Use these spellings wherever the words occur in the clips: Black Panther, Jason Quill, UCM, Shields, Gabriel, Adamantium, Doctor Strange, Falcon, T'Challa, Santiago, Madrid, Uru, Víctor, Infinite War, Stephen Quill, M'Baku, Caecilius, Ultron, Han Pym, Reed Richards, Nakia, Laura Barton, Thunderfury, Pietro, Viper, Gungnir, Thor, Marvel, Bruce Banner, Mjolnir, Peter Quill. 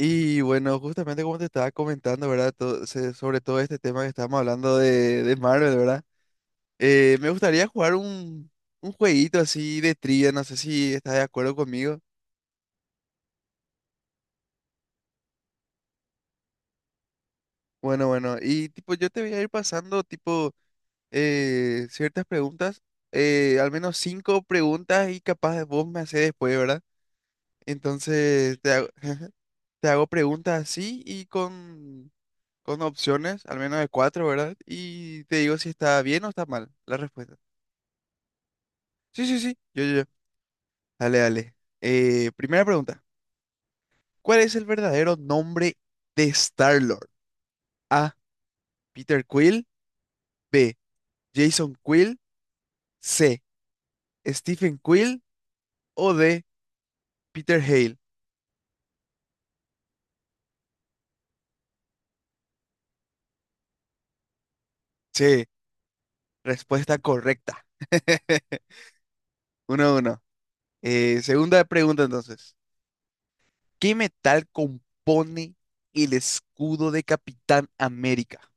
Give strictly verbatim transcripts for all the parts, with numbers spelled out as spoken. Y bueno, justamente como te estaba comentando, ¿verdad? To- se- sobre todo este tema que estábamos hablando de, de Marvel, ¿verdad? Eh, me gustaría jugar un, un jueguito así de trivia, no sé si estás de acuerdo conmigo. Bueno, bueno, y tipo, yo te voy a ir pasando tipo eh, ciertas preguntas, eh, al menos cinco preguntas y capaz vos me haces después, ¿verdad? Entonces te hago, te hago preguntas así y con, con opciones, al menos de cuatro, ¿verdad? Y te digo si está bien o está mal la respuesta. Sí, sí, sí. Yo, yo, yo. Dale, dale. Eh, primera pregunta. ¿Cuál es el verdadero nombre de Star-Lord? A. Peter Quill. B. Jason Quill. C. Stephen Quill. O D. Peter Hale. Sí, respuesta correcta. Uno a uno. Eh, segunda pregunta entonces. ¿Qué metal compone el escudo de Capitán América?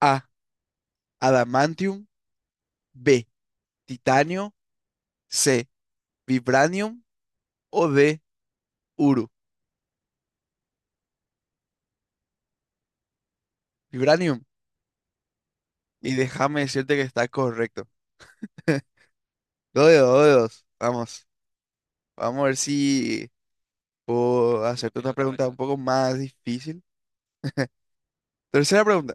A. Adamantium. B. Titanio. C. Vibranium. O D. Uru. Vibranium. Y déjame decirte que está correcto. Dos de dos, dos de dos. Vamos. Vamos a ver si puedo hacerte otra pregunta un poco más difícil. Tercera pregunta.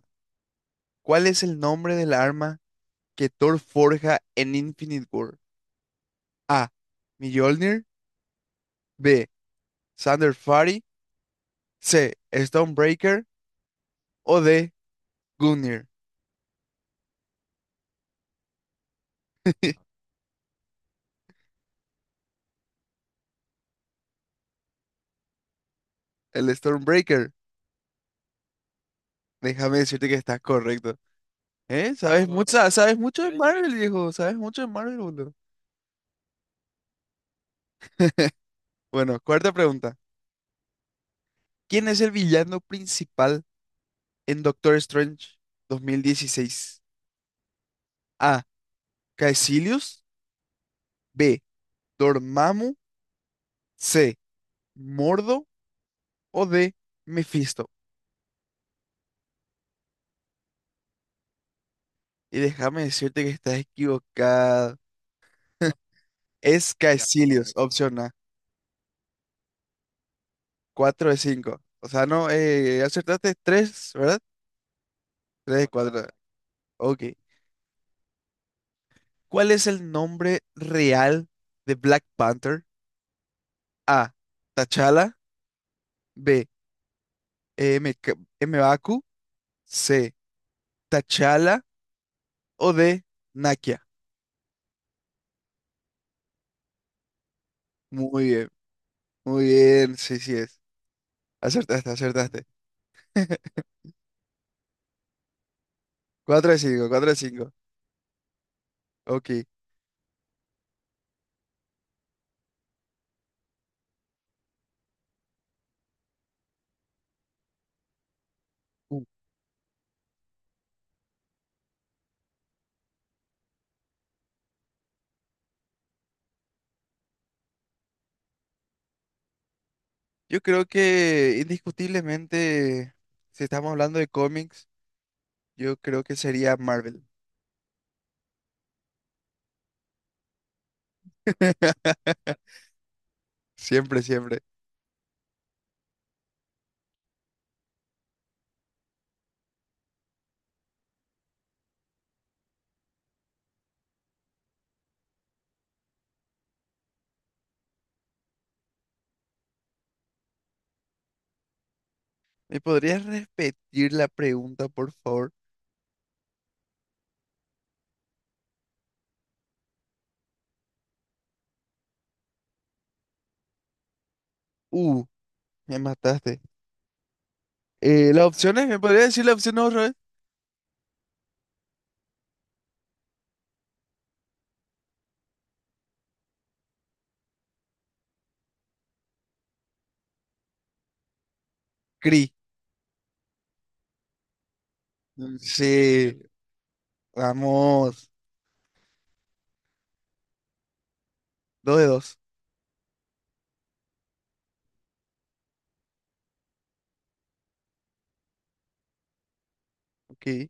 ¿Cuál es el nombre del arma que Thor forja en Infinite War? A. Mjolnir. B. Thunderfury. C. Stormbreaker. O D. Gungnir. El Stormbreaker. Déjame decirte que está correcto. ¿Eh? ¿Sabes mucho, sabes mucho de Marvel, viejo? ¿Sabes mucho de Marvel, boludo? Bueno, cuarta pregunta. ¿Quién es el villano principal en Doctor Strange dos mil dieciséis? A. Caecilius. B. Dormammu. C. Mordo. O D. Mephisto. Y déjame decirte que estás equivocada. Es Caecilius, opción A. Cuatro de cinco. O sea, no, eh, acertaste tres, ¿verdad? Tres de cuatro. Correcto. Ok. ¿Cuál es el nombre real de Black Panther? A. T'Challa. B. Eh, M. K- M'Baku. C. Tachala o de Nakia. Muy bien, muy bien. Sí, sí es. Acertaste, acertaste. Cuatro de cinco, cuatro de cinco. Ok. Uh, yo creo que indiscutiblemente, si estamos hablando de cómics, yo creo que sería Marvel. Siempre, siempre. ¿Me podrías repetir la pregunta, por favor? Uh, me mataste. Eh, las opciones, ¿me podrías decir las opciones otra vez? Cree. Mm, sí, vamos. Dos de dos. Ok.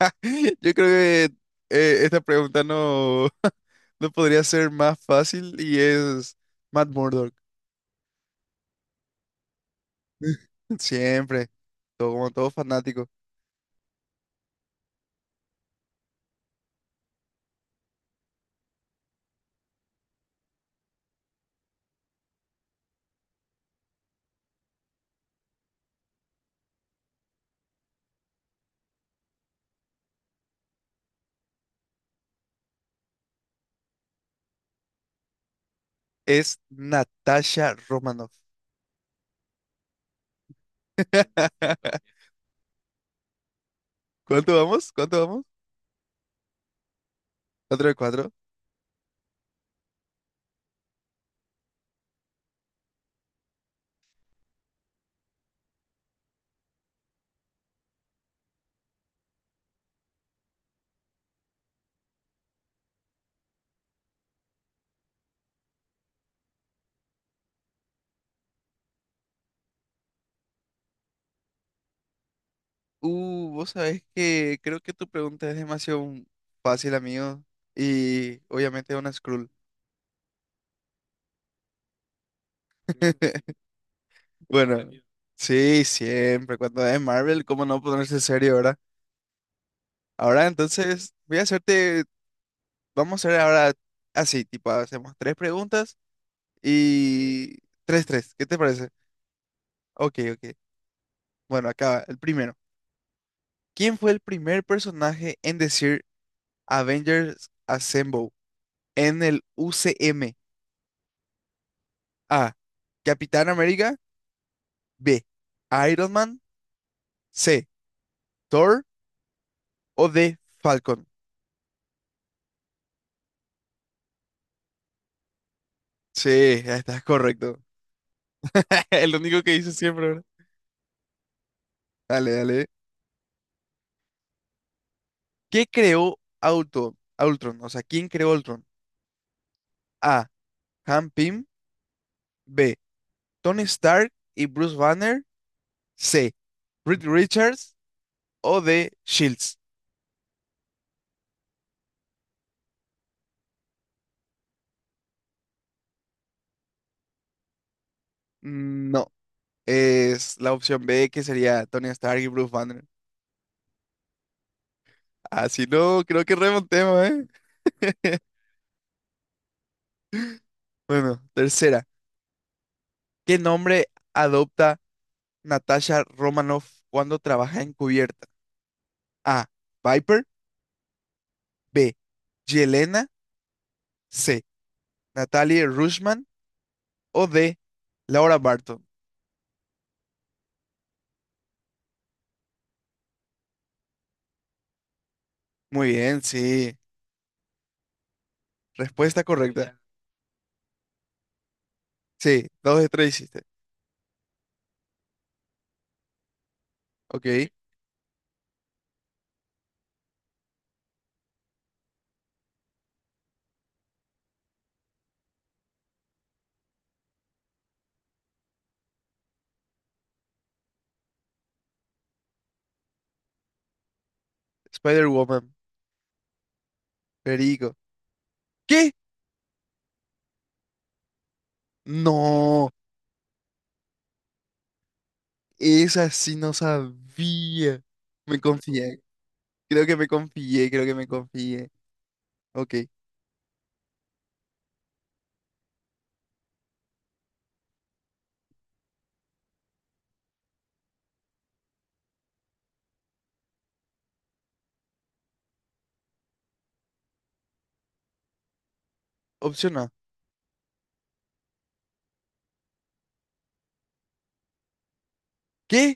Yo creo que eh, esta pregunta no, no podría ser más fácil y es Matt Murdock. Siempre, todo, como todo fanático. Es Natasha Romanoff. ¿Cuánto vamos? ¿Cuánto vamos? ¿Cuatro de cuatro? Uh, vos sabés que creo que tu pregunta es demasiado fácil, amigo. Y obviamente es una Skrull. Bueno, sí, siempre. Cuando es Marvel, ¿cómo no ponerse serio, verdad? Ahora entonces voy a hacerte, vamos a hacer ahora así, tipo, hacemos tres preguntas y tres, tres, ¿qué te parece? Ok, ok. Bueno, acaba, el primero. ¿Quién fue el primer personaje en decir Avengers Assemble en el U C M? A. Capitán América. B. Iron Man. C. Thor. O D. Falcon. Sí, ya estás correcto. El único que dice siempre, ¿verdad? Dale, dale. ¿Qué creó Ultron? Ultron, o sea, ¿quién creó Ultron? A. Han Pym. B. Tony Stark y Bruce Banner. C. Reed Richards. O D. Shields. No, es la opción B que sería Tony Stark y Bruce Banner. Así no creo que remontemos, ¿eh? Bueno, tercera. ¿Qué nombre adopta Natasha Romanoff cuando trabaja encubierta? A. Viper. B. Yelena. C. Natalie Rushman. O D. Laura Barton. Muy bien, sí. Respuesta correcta. Sí, dos de tres hiciste. Ok. Spider-Woman. Perico. ¿Qué? No. Esa sí no sabía. Me confié. Creo que me confié, creo que me confié. Ok. Opción A. ¿Qué?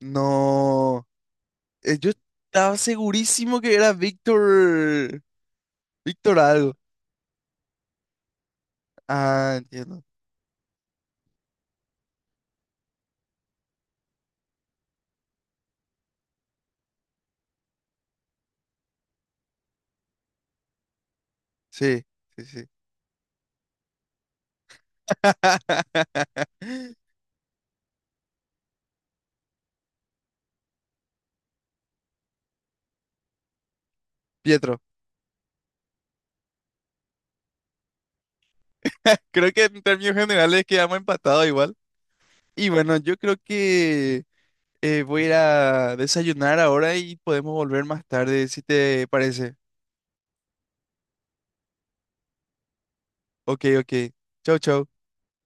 No. Eh, Yo estaba segurísimo que era Víctor. Víctor algo. Ah, entiendo. Sí, sí, sí. Pietro. Creo que en términos generales quedamos empatados igual. Y bueno, yo creo que eh, voy a ir a desayunar ahora y podemos volver más tarde, si te parece. Ok, ok. Chau, chau.